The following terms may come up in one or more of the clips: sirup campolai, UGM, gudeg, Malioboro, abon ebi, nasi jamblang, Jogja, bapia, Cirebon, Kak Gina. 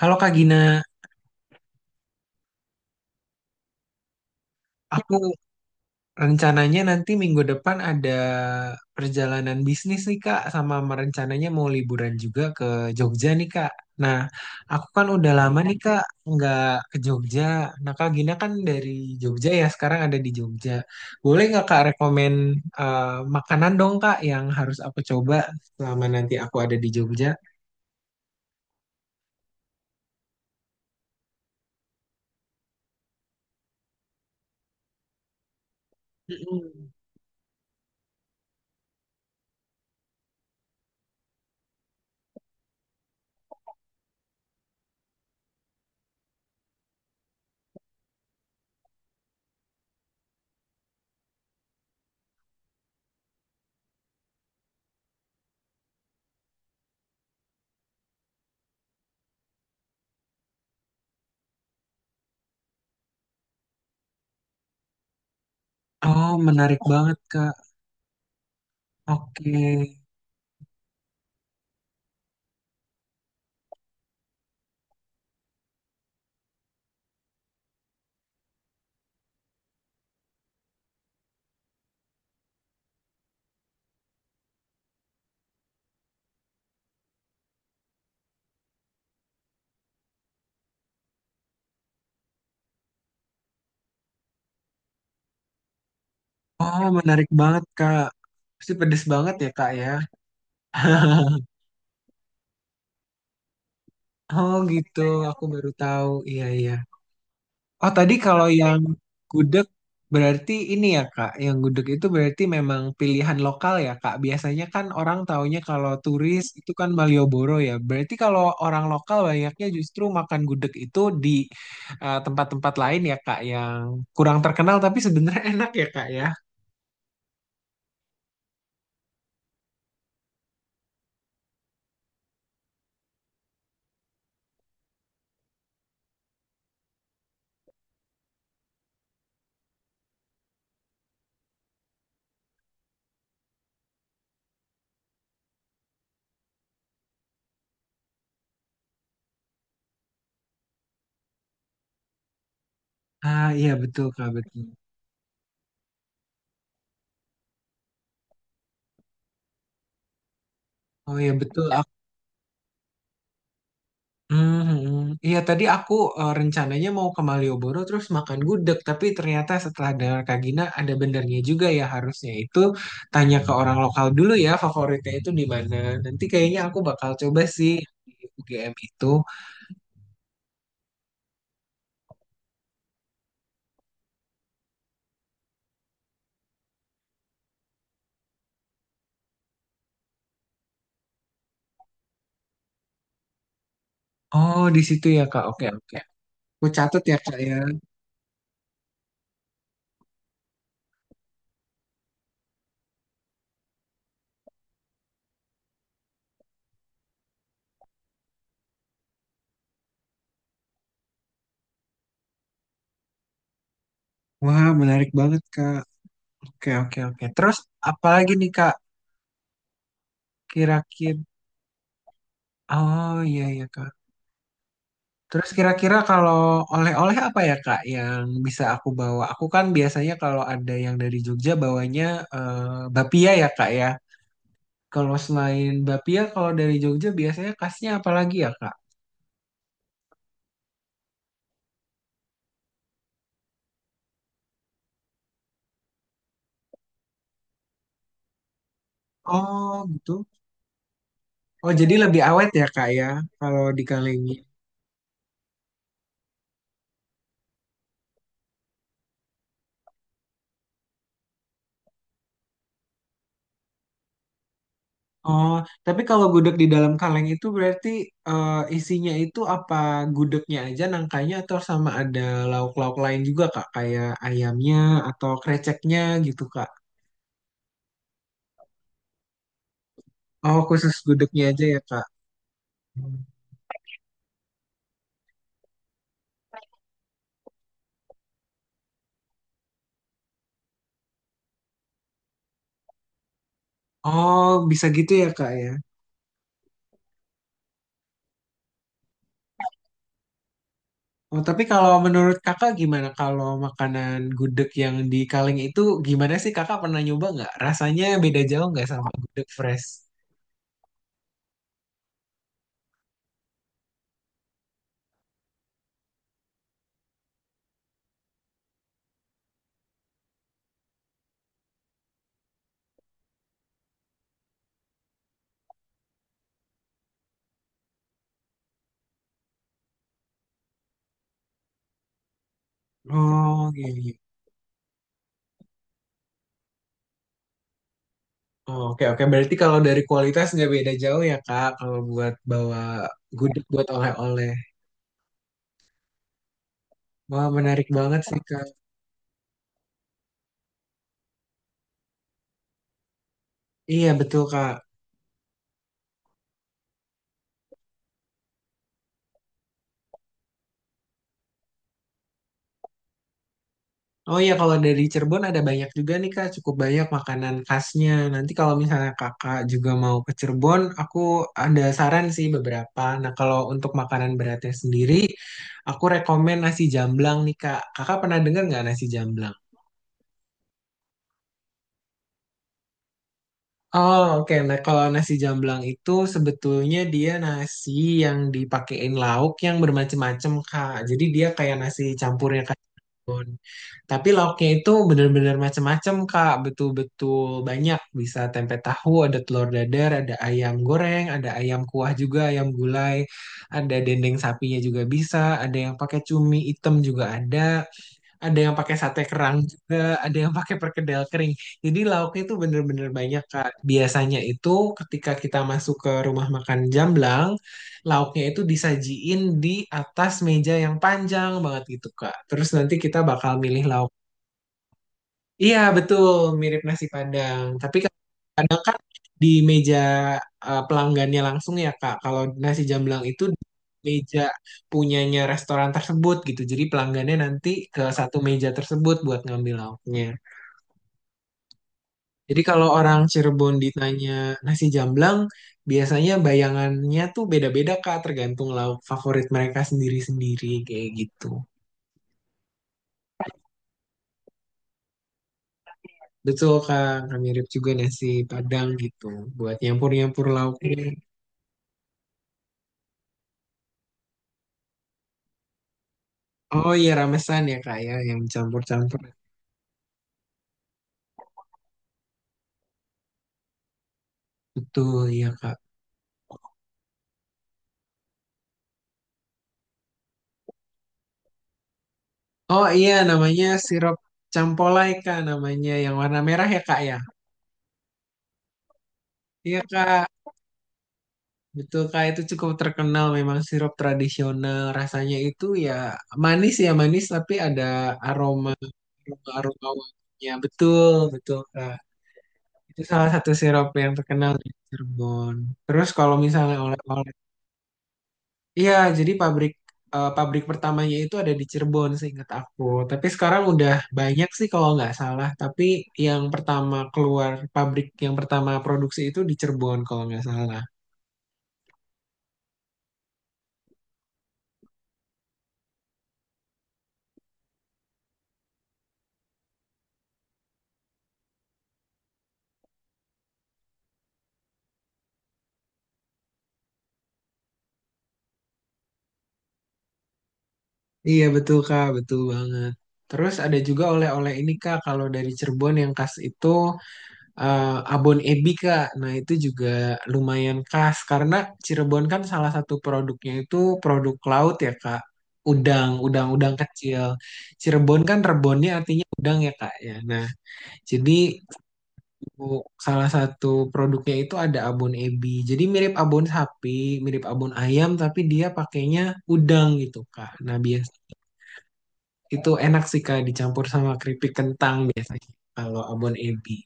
Halo Kak Gina, ya. Aku rencananya nanti minggu depan ada perjalanan bisnis nih Kak, sama merencananya mau liburan juga ke Jogja nih Kak. Nah, aku kan udah lama nih Kak nggak ke Jogja. Nah, Kak Gina kan dari Jogja ya, sekarang ada di Jogja. Boleh nggak Kak rekomen eh, makanan dong Kak yang harus aku coba selama nanti aku ada di Jogja? Mm-mm. Oh, menarik banget Kak. Oke. Oh, menarik banget, Kak. Pasti pedes banget ya, Kak, ya. Oh, gitu. Aku baru tahu. Iya, iya. Oh, tadi kalau yang gudeg berarti ini ya, Kak. Yang gudeg itu berarti memang pilihan lokal ya, Kak. Biasanya kan orang taunya kalau turis itu kan Malioboro ya. Berarti kalau orang lokal banyaknya justru makan gudeg itu di tempat-tempat lain ya, Kak, yang kurang terkenal tapi sebenarnya enak ya, Kak, ya. Ah, iya betul, Kak, betul. Oh iya betul. Mhm. Iya tadi aku rencananya mau ke Malioboro terus makan gudeg tapi ternyata setelah dengar Kak Gina ada benernya juga ya harusnya itu tanya ke orang lokal dulu ya favoritnya itu di mana. Nanti kayaknya aku bakal coba sih di UGM itu. Oh di situ ya Kak. Oke oke. Aku catat ya Kak ya. Wah menarik banget Kak. Oke oke oke. Terus apalagi nih Kak kira-kira. Oh iya ya Kak. Terus kira-kira kalau oleh-oleh apa ya Kak yang bisa aku bawa? Aku kan biasanya kalau ada yang dari Jogja bawanya bapia ya Kak ya. Kalau selain bapia, kalau dari Jogja biasanya khasnya apa lagi ya Kak? Oh gitu. Oh jadi lebih awet ya Kak ya kalau di Kalengi. Oh tapi kalau gudeg di dalam kaleng itu berarti isinya itu apa gudegnya aja nangkanya atau sama ada lauk-lauk lain juga Kak? Kayak ayamnya atau kreceknya gitu Kak? Oh, khusus gudegnya aja ya, Kak. Oh, bisa gitu ya, Kak ya. Oh, tapi kalau menurut Kakak gimana kalau makanan gudeg yang di kaleng itu gimana sih Kakak pernah nyoba nggak? Rasanya beda jauh nggak sama gudeg fresh? Oh, iya, iya. Oh, oke, oke. Berarti kalau dari kualitas nggak beda jauh ya, Kak, kalau buat bawa gudeg buat oleh-oleh. Wah, menarik banget sih, Kak. Iya, betul, Kak. Oh iya, kalau dari Cirebon ada banyak juga nih Kak, cukup banyak makanan khasnya. Nanti kalau misalnya Kakak juga mau ke Cirebon, aku ada saran sih beberapa. Nah, kalau untuk makanan beratnya sendiri, aku rekomen nasi jamblang nih Kak. Kakak pernah dengar nggak nasi jamblang? Oh oke, nah kalau nasi jamblang itu sebetulnya dia nasi yang dipakein lauk yang bermacam-macam Kak. Jadi dia kayak nasi campurnya Kak. Tapi lauknya itu bener-bener macem-macem, Kak. Betul-betul banyak. Bisa tempe tahu, ada telur dadar, ada ayam goreng, ada ayam kuah juga, ayam gulai, ada dendeng sapinya juga bisa, ada yang pakai cumi hitam juga ada yang pakai sate kerang juga, ada yang pakai perkedel kering. Jadi lauknya itu bener-bener banyak, Kak. Biasanya itu ketika kita masuk ke rumah makan Jamblang, lauknya itu disajiin di atas meja yang panjang banget gitu, Kak. Terus nanti kita bakal milih lauk. Iya betul, mirip nasi Padang. Tapi kan kadang di meja pelanggannya langsung ya Kak. Kalau nasi jamblang itu di meja punyanya restoran tersebut gitu. Jadi pelanggannya nanti ke satu meja tersebut buat ngambil lauknya. Jadi kalau orang Cirebon ditanya nasi jamblang, biasanya bayangannya tuh beda-beda Kak, tergantung lauk favorit mereka sendiri-sendiri kayak gitu. Betul Kak, mirip juga nasi Padang gitu buat nyampur-nyampur lauknya. Oh iya ramesan ya kak ya yang campur-campur betul ya kak. Oh iya namanya sirup campolai kak namanya yang warna merah ya kak ya. Iya kak betul kak itu cukup terkenal memang sirup tradisional rasanya itu ya manis tapi ada aroma aroma wanginya betul betul kak. Itu salah satu sirup yang terkenal di Cirebon. Terus kalau misalnya oleh-oleh. Iya, jadi pabrik pabrik pertamanya itu ada di Cirebon seingat aku. Tapi sekarang udah banyak sih kalau nggak salah. Tapi yang pertama keluar pabrik yang pertama produksi itu di Cirebon kalau nggak salah. Iya betul Kak, betul banget. Terus ada juga oleh-oleh ini Kak, kalau dari Cirebon yang khas itu eh, abon ebi Kak. Nah, itu juga lumayan khas karena Cirebon kan salah satu produknya itu produk laut ya, Kak. Udang, udang-udang kecil. Cirebon kan rebonnya artinya udang ya, Kak ya. Nah, jadi salah satu produknya itu ada abon ebi. Jadi mirip abon sapi, mirip abon ayam tapi dia pakainya udang gitu, Kak. Nah, biasa itu enak sih, Kak, dicampur sama keripik kentang biasanya kalau abon ebi.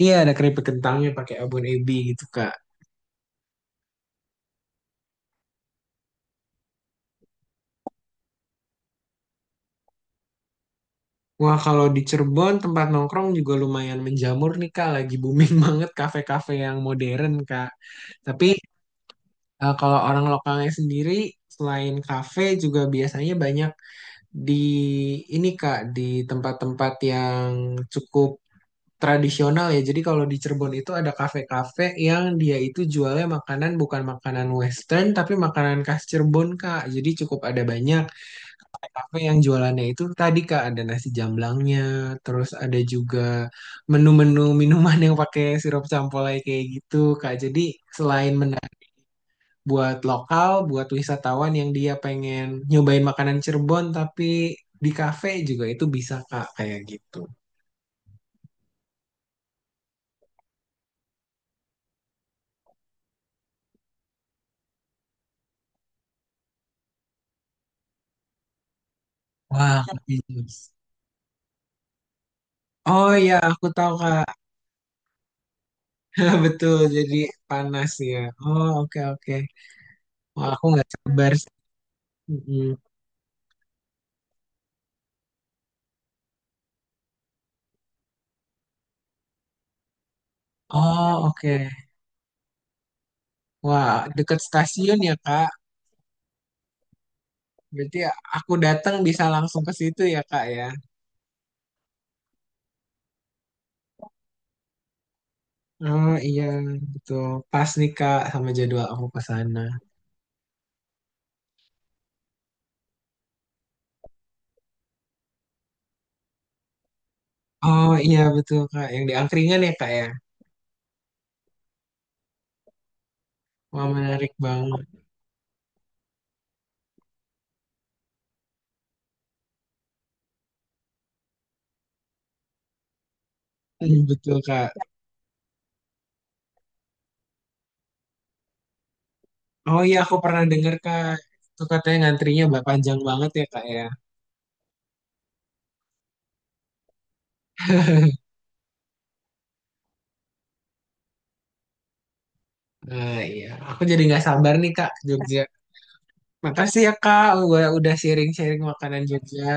Iya, ada keripik kentangnya pakai abon ebi gitu, Kak. Wah, kalau di Cirebon tempat nongkrong juga lumayan menjamur nih, Kak. Lagi booming banget kafe-kafe yang modern, Kak. Tapi kalau orang lokalnya sendiri, selain kafe juga biasanya banyak di ini, Kak, di tempat-tempat yang cukup tradisional ya. Jadi kalau di Cirebon itu ada kafe-kafe yang dia itu jualnya makanan bukan makanan Western, tapi makanan khas Cirebon, Kak. Jadi cukup ada banyak. Kafe yang jualannya itu tadi Kak ada nasi jamblangnya, terus ada juga menu-menu minuman yang pakai sirup campolai kayak gitu Kak. Jadi selain menarik buat lokal, buat wisatawan yang dia pengen nyobain makanan Cirebon tapi di kafe juga itu bisa Kak kayak gitu. Wah, Kak. Oh iya, aku tahu Kak. Betul, jadi panas ya. Oh, oke oke. Wah, aku nggak sabar sih. Mm-mm. Oh, oke. Wah, dekat stasiun ya, Kak. Berarti ya aku datang bisa langsung ke situ ya kak ya. Oh iya betul. Pas nih kak sama jadwal aku ke sana. Oh iya betul kak. Yang di angkringan ya kak ya. Wah menarik banget. Hmm, betul kak. Oh iya aku pernah dengar kak. Itu katanya ngantrinya panjang banget ya kak ya. Nah iya. Aku jadi nggak sabar nih kak ke Jogja. Makasih ya kak. Gua udah sharing-sharing makanan Jogja.